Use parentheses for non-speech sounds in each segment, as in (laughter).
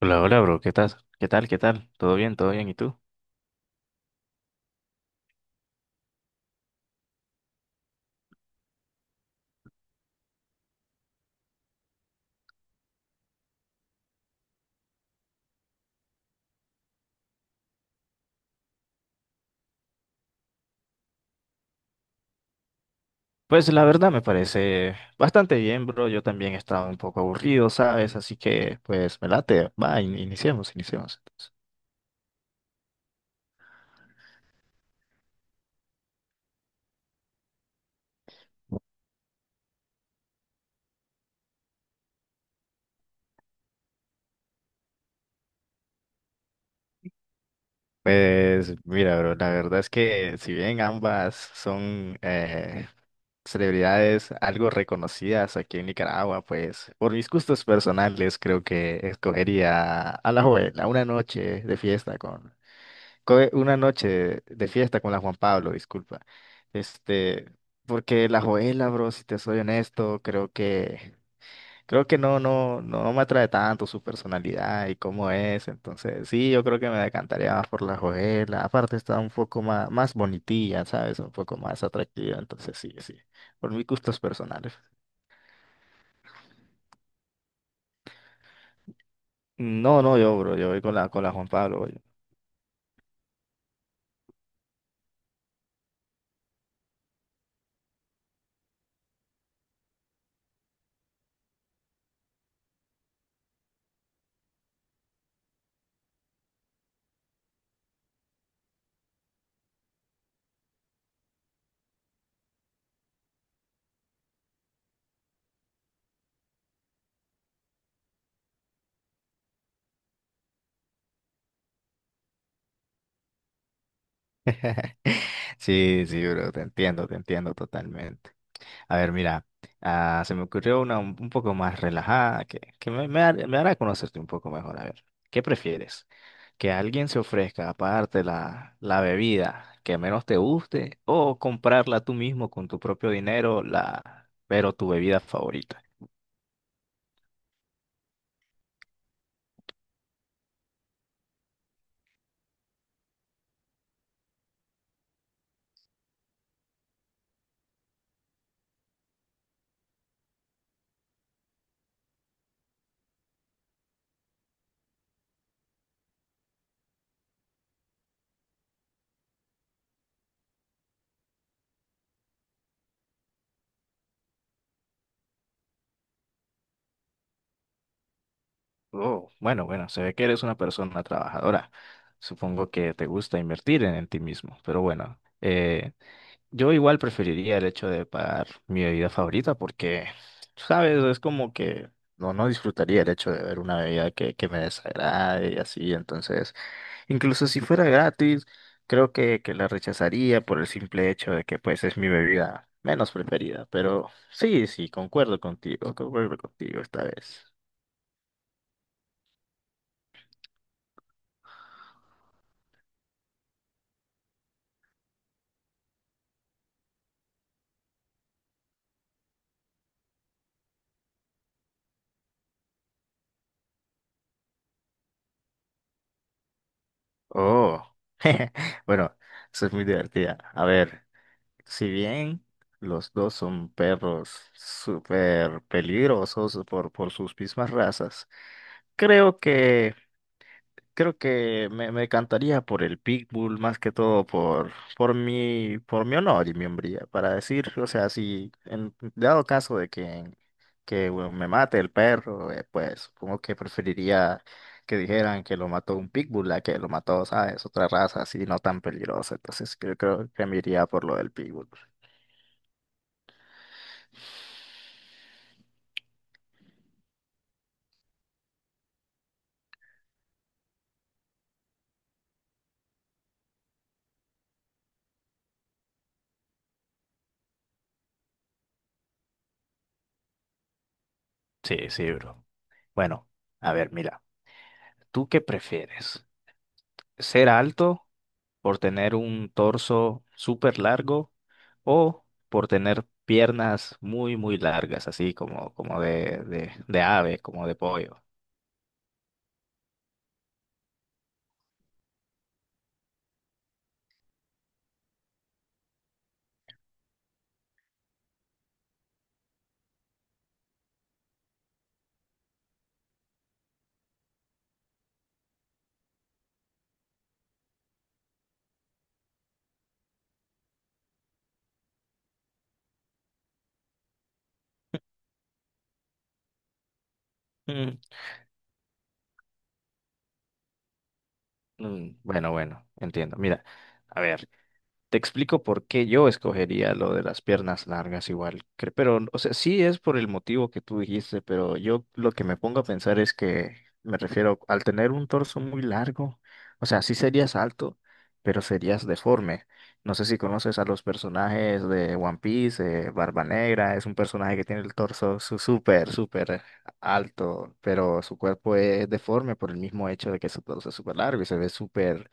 Hola, hola, bro. ¿Qué tal? ¿Qué tal? ¿Qué tal? ¿Todo bien? ¿Todo bien? ¿Y tú? Pues la verdad me parece bastante bien, bro. Yo también estaba un poco aburrido, ¿sabes? Así que, pues, me late. Va, iniciemos. Entonces. Pues, mira, bro, la verdad es que si bien ambas son celebridades algo reconocidas aquí en Nicaragua, pues, por mis gustos personales creo que escogería a la joven, a una noche de fiesta una noche de fiesta con la Juan Pablo, disculpa. Este, porque la Joela, bro, si te soy honesto, creo que no me atrae tanto su personalidad y cómo es, entonces sí, yo creo que me decantaría más por la Joela. Aparte está un poco más bonitilla, ¿sabes? Un poco más atractiva, entonces sí, sí. Por mis gustos personales. No, no, yo, bro, yo voy con la Juan Pablo voy. (laughs) Sí, sí, bro, te entiendo totalmente. A ver, mira, ah, se me ocurrió un poco más relajada que, me hará conocerte un poco mejor. A ver, ¿qué prefieres? ¿Que alguien se ofrezca a pagarte la bebida que menos te guste o comprarla tú mismo con tu propio dinero, pero tu bebida favorita? Oh, bueno, bueno, se ve que eres una persona trabajadora. Supongo que te gusta invertir en ti mismo, pero bueno, yo igual preferiría el hecho de pagar mi bebida favorita porque, sabes, es como que no, no disfrutaría el hecho de ver una bebida que me desagrade y así, entonces, incluso si fuera gratis, creo que la rechazaría por el simple hecho de que pues es mi bebida menos preferida, pero sí, sí, concuerdo contigo esta vez. Oh, (laughs) bueno, eso es muy divertida. A ver, si bien los dos son perros súper peligrosos por sus mismas razas, creo que me encantaría por el Pitbull, más que todo por, por mi honor y mi hombría, para decir, o sea, si en dado caso de que bueno, me mate el perro, pues supongo que preferiría que dijeran que lo mató un Pitbull a que lo mató, ¿sabes? Otra raza así no tan peligrosa. Entonces creo que me iría por lo del Pitbull. Sí, sí, bro. Bueno, a ver, mira, ¿tú qué prefieres? ¿Ser alto por tener un torso súper largo o por tener piernas muy, muy largas, así como, de ave, como de pollo? Mm, mm, bueno, bueno, entiendo. Mira, a ver. Te explico por qué yo escogería lo de las piernas largas igual, pero, o sea, sí es por el motivo que tú dijiste, pero yo lo que me pongo a pensar es que me refiero al tener un torso muy largo. O sea, sí serías alto, pero serías deforme. No sé si conoces a los personajes de One Piece, Barba Negra es un personaje que tiene el torso súper, súper alto, pero su cuerpo es deforme por el mismo hecho de que su torso es súper largo y se ve súper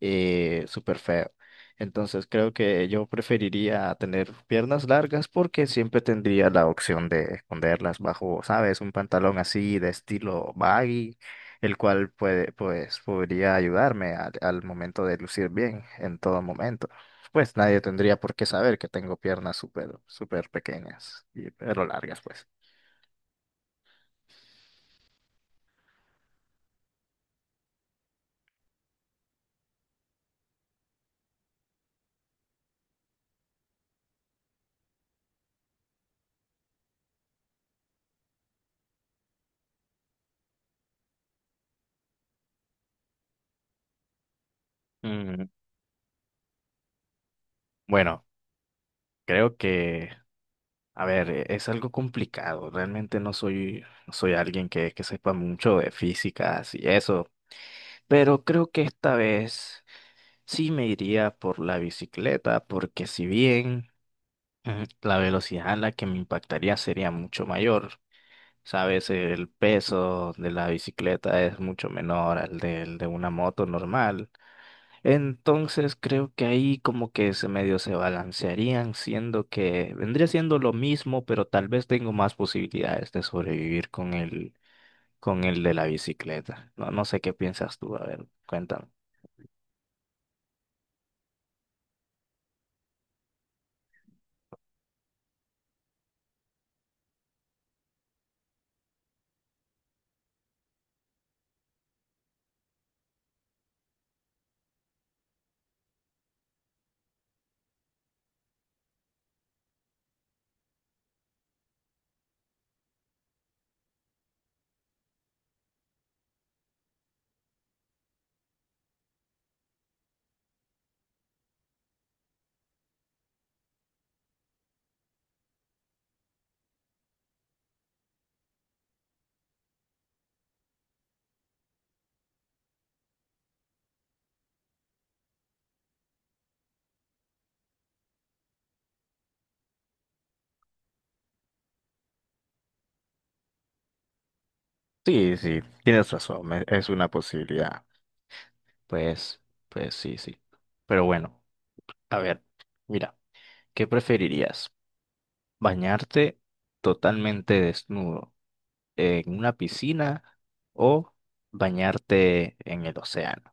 súper feo. Entonces creo que yo preferiría tener piernas largas porque siempre tendría la opción de esconderlas bajo, ¿sabes? Un pantalón así de estilo baggy, el cual puede, pues, podría ayudarme al momento de lucir bien en todo momento. Pues nadie tendría por qué saber que tengo piernas súper, súper pequeñas, y, pero largas, pues. Mm, bueno, creo que a ver, es algo complicado. Realmente no soy alguien que sepa mucho de físicas y eso. Pero creo que esta vez sí me iría por la bicicleta, porque si bien la velocidad a la que me impactaría sería mucho mayor, sabes, el peso de la bicicleta es mucho menor al del de una moto normal. Entonces creo que ahí como que se medio se balancearían, siendo que vendría siendo lo mismo, pero tal vez tengo más posibilidades de sobrevivir con con el de la bicicleta. No, no sé qué piensas tú, a ver, cuéntame. Sí, sí, tienes razón, es una posibilidad. Pues, pues sí, sí. Pero bueno, a ver, mira, ¿qué preferirías? ¿Bañarte totalmente desnudo en una piscina o bañarte en el océano?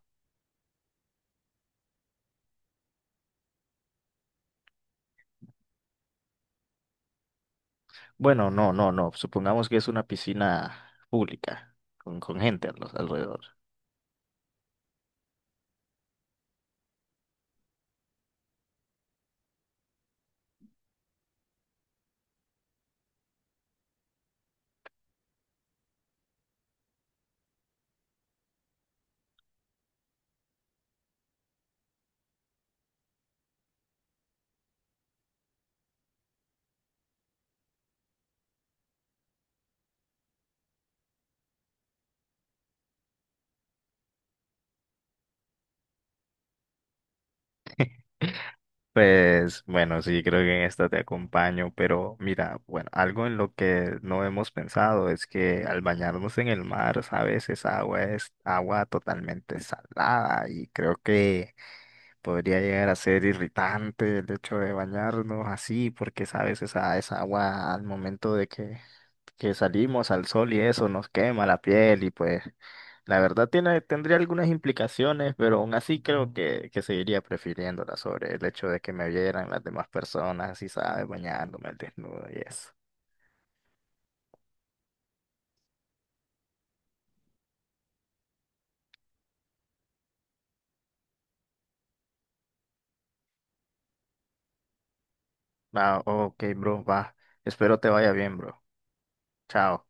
Bueno, no, no, no. Supongamos que es una piscina pública, con gente a alrededor. (laughs) Pues bueno, sí, creo que en esta te acompaño, pero mira, bueno, algo en lo que no hemos pensado es que al bañarnos en el mar, sabes, esa agua es agua totalmente salada y creo que podría llegar a ser irritante el hecho de bañarnos así, porque sabes, esa agua al momento de que salimos al sol y eso nos quema la piel y pues la verdad tendría algunas implicaciones, pero aún así creo que seguiría prefiriéndola sobre el hecho de que me vieran las demás personas, así sabes, bañándome al desnudo y eso. Va, ok, bro, va. Espero te vaya bien, bro. Chao.